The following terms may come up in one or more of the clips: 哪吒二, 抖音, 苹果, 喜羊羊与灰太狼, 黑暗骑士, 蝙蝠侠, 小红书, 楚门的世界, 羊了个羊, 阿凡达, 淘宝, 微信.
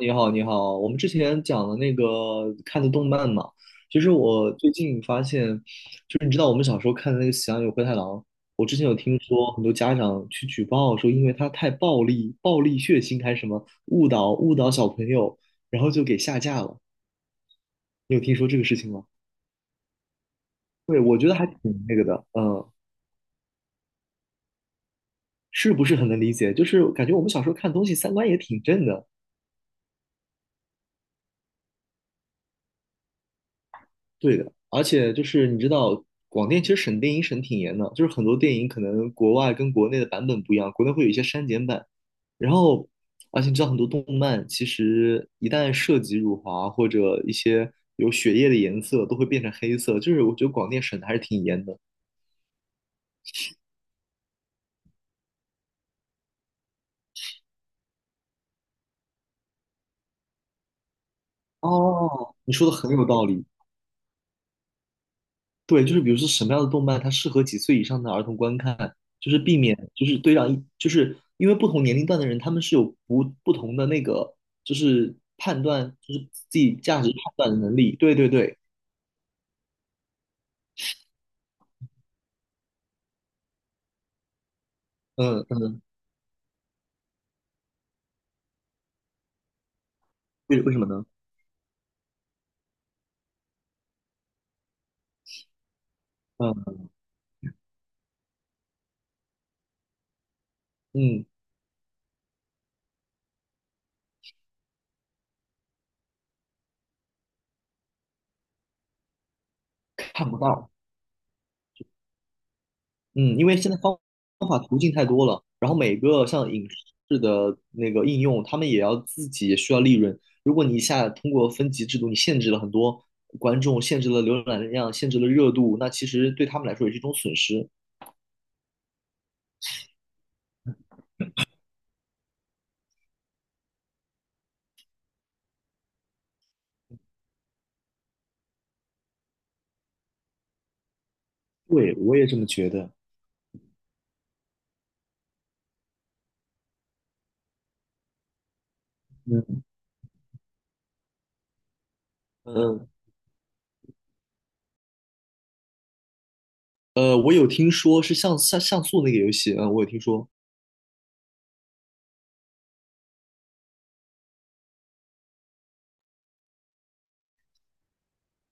你好，你好。我们之前讲了那个看的动漫嘛，其实我最近发现，就是你知道我们小时候看的那个《喜羊羊与灰太狼》，我之前有听说很多家长去举报说，因为它太暴力、暴力血腥还是什么误导小朋友，然后就给下架了。你有听说这个事情吗？对，我觉得还挺那个的，嗯，是不是很能理解？就是感觉我们小时候看东西三观也挺正的，对的，而且就是你知道，广电其实审电影审挺严的，就是很多电影可能国外跟国内的版本不一样，国内会有一些删减版，然后而且你知道很多动漫其实一旦涉及辱华或者一些有血液的颜色，都会变成黑色，就是我觉得广电审的还是挺严的。哦，你说的很有道理。对，就是比如说什么样的动漫它适合几岁以上的儿童观看，就是避免就是对让一就是因为不同年龄段的人他们是有不同的那个就是判断就是自己价值判断的能力。对对对，嗯嗯，为什么呢？嗯嗯，看不到。嗯，因为现在方方法途径太多了，然后每个像影视的那个应用，他们也要自己也需要利润。如果你一下通过分级制度，你限制了很多观众，限制了浏览量，限制了热度，那其实对他们来说也是一种损失。对，我也这么觉得。嗯，嗯，我有听说是像像素那个游戏，嗯，我有听说。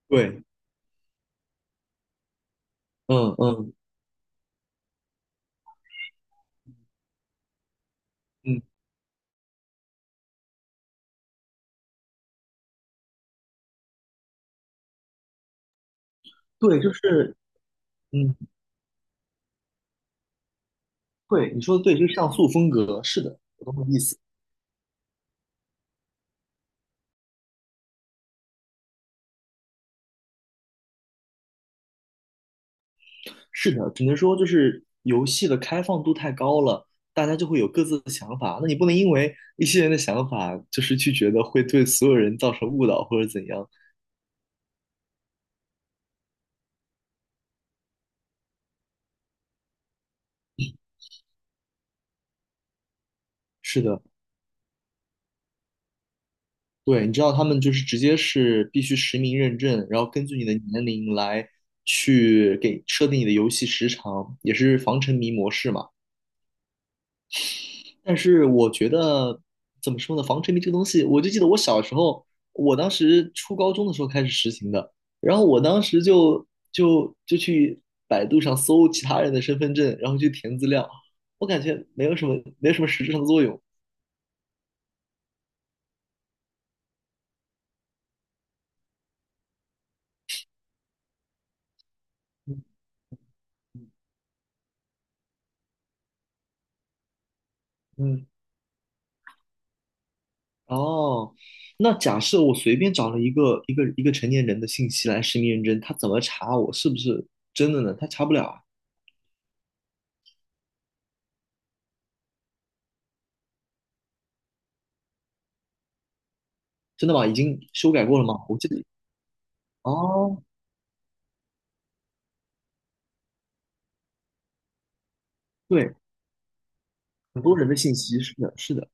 对，嗯嗯嗯，对，就是，嗯，对，你说的对，就是像素风格，是的，我懂你意思。是的，只能说就是游戏的开放度太高了，大家就会有各自的想法。那你不能因为一些人的想法，就是去觉得会对所有人造成误导或者怎样。是的，对，你知道他们就是直接是必须实名认证，然后根据你的年龄来去给设定你的游戏时长，也是防沉迷模式嘛。但是我觉得怎么说呢，防沉迷这个东西，我就记得我小时候，我当时初高中的时候开始实行的，然后我当时就就去百度上搜其他人的身份证，然后去填资料，我感觉没有什么实质上的作用。嗯嗯，哦，那假设我随便找了一个成年人的信息来实名认证，他怎么查我是不是真的呢？他查不了啊，真的吗？已经修改过了吗？我记得，哦，对，很多人的信息，是的，是的。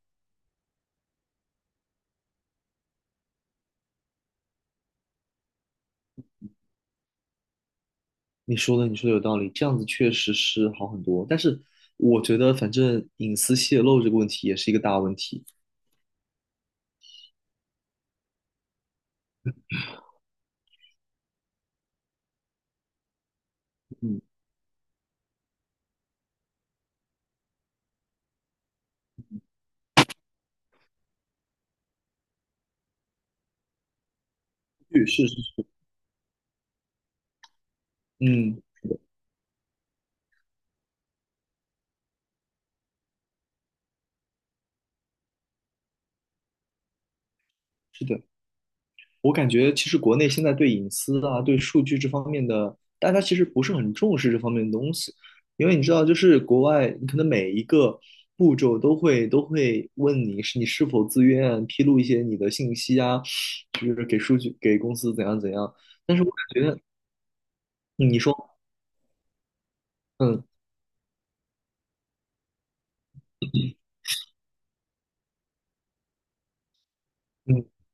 你说的，你说的有道理，这样子确实是好很多。但是我觉得，反正隐私泄露这个问题也是一个大问题。嗯，对，是是是，嗯，是的。我感觉其实国内现在对隐私啊、对数据这方面的，大家其实不是很重视这方面的东西，因为你知道，就是国外，你可能每一个步骤都会问你你是否自愿披露一些你的信息啊，就是给数据给公司怎样怎样。但是我感觉，嗯你说，嗯嗯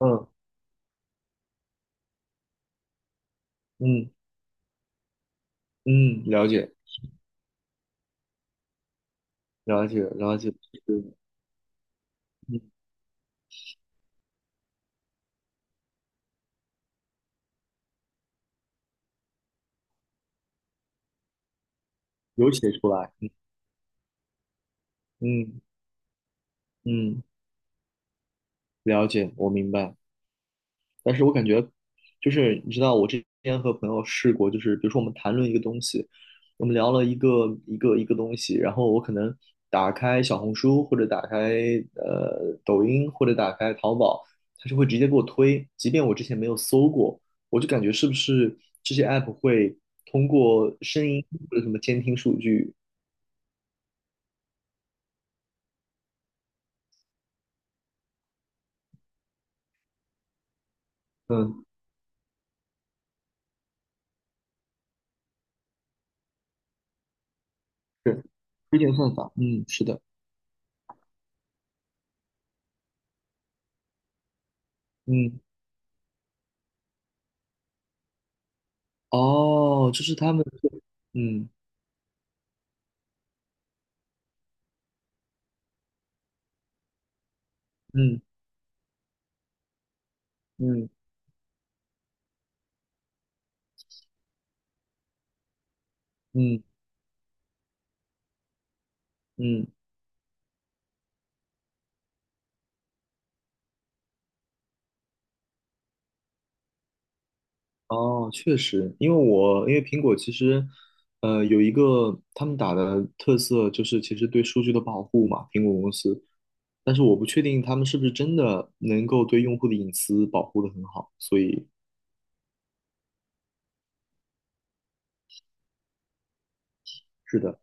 嗯。嗯嗯，了解，就是嗯，有写出来，嗯嗯，了解，我明白。但是我感觉，就是你知道，我之前和朋友试过，就是比如说我们谈论一个东西，我们聊了一个东西，然后我可能打开小红书或者打开抖音或者打开淘宝，它就会直接给我推，即便我之前没有搜过，我就感觉是不是这些 app 会通过声音或者什么监听数据。嗯，是推荐算法，嗯，是的，嗯，哦，这是他们的嗯嗯嗯嗯嗯，哦，确实，因为苹果其实，有一个他们打的特色就是其实对数据的保护嘛，苹果公司，但是我不确定他们是不是真的能够对用户的隐私保护的很好，所以。是的。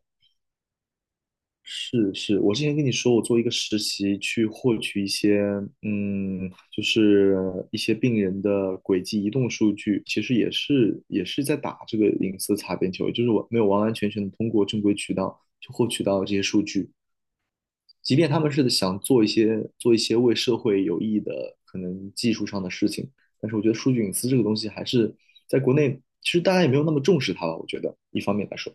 是是，我之前跟你说，我做一个实习去获取一些，嗯，就是一些病人的轨迹移动数据，其实也是在打这个隐私擦边球，就是我没有完完全全的通过正规渠道去获取到这些数据，即便他们是想做一些为社会有益的可能技术上的事情，但是我觉得数据隐私这个东西还是在国内，其实大家也没有那么重视它吧，我觉得一方面来说。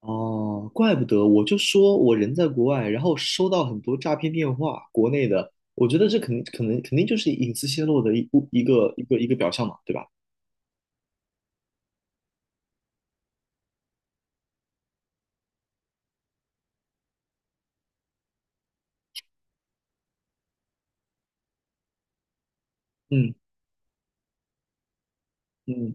哦，怪不得，我就说我人在国外，然后收到很多诈骗电话，国内的，我觉得这肯可能肯定就是隐私泄露的一部一个一个一个表象嘛，对吧？嗯嗯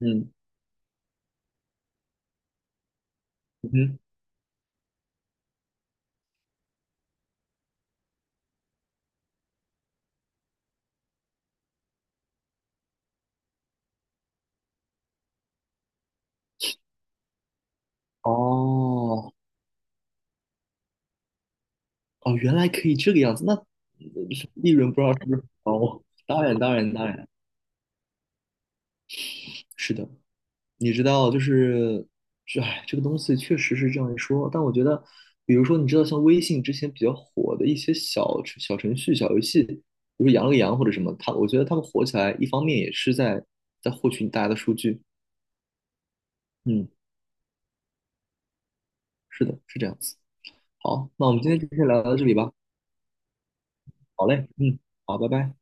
嗯嗯，哦哦，原来可以这个样子，那利润不知道是不是高？当然当然当然，是的，你知道，就是这，哎，这个东西确实是这样一说。但我觉得，比如说，你知道，像微信之前比较火的一些小程序、小游戏，比如羊了个羊或者什么，它，我觉得他们火起来，一方面也是在获取大家的数据。嗯，是的，是这样子。好，那我们今天就先聊到这里吧。好嘞，嗯，好，拜拜。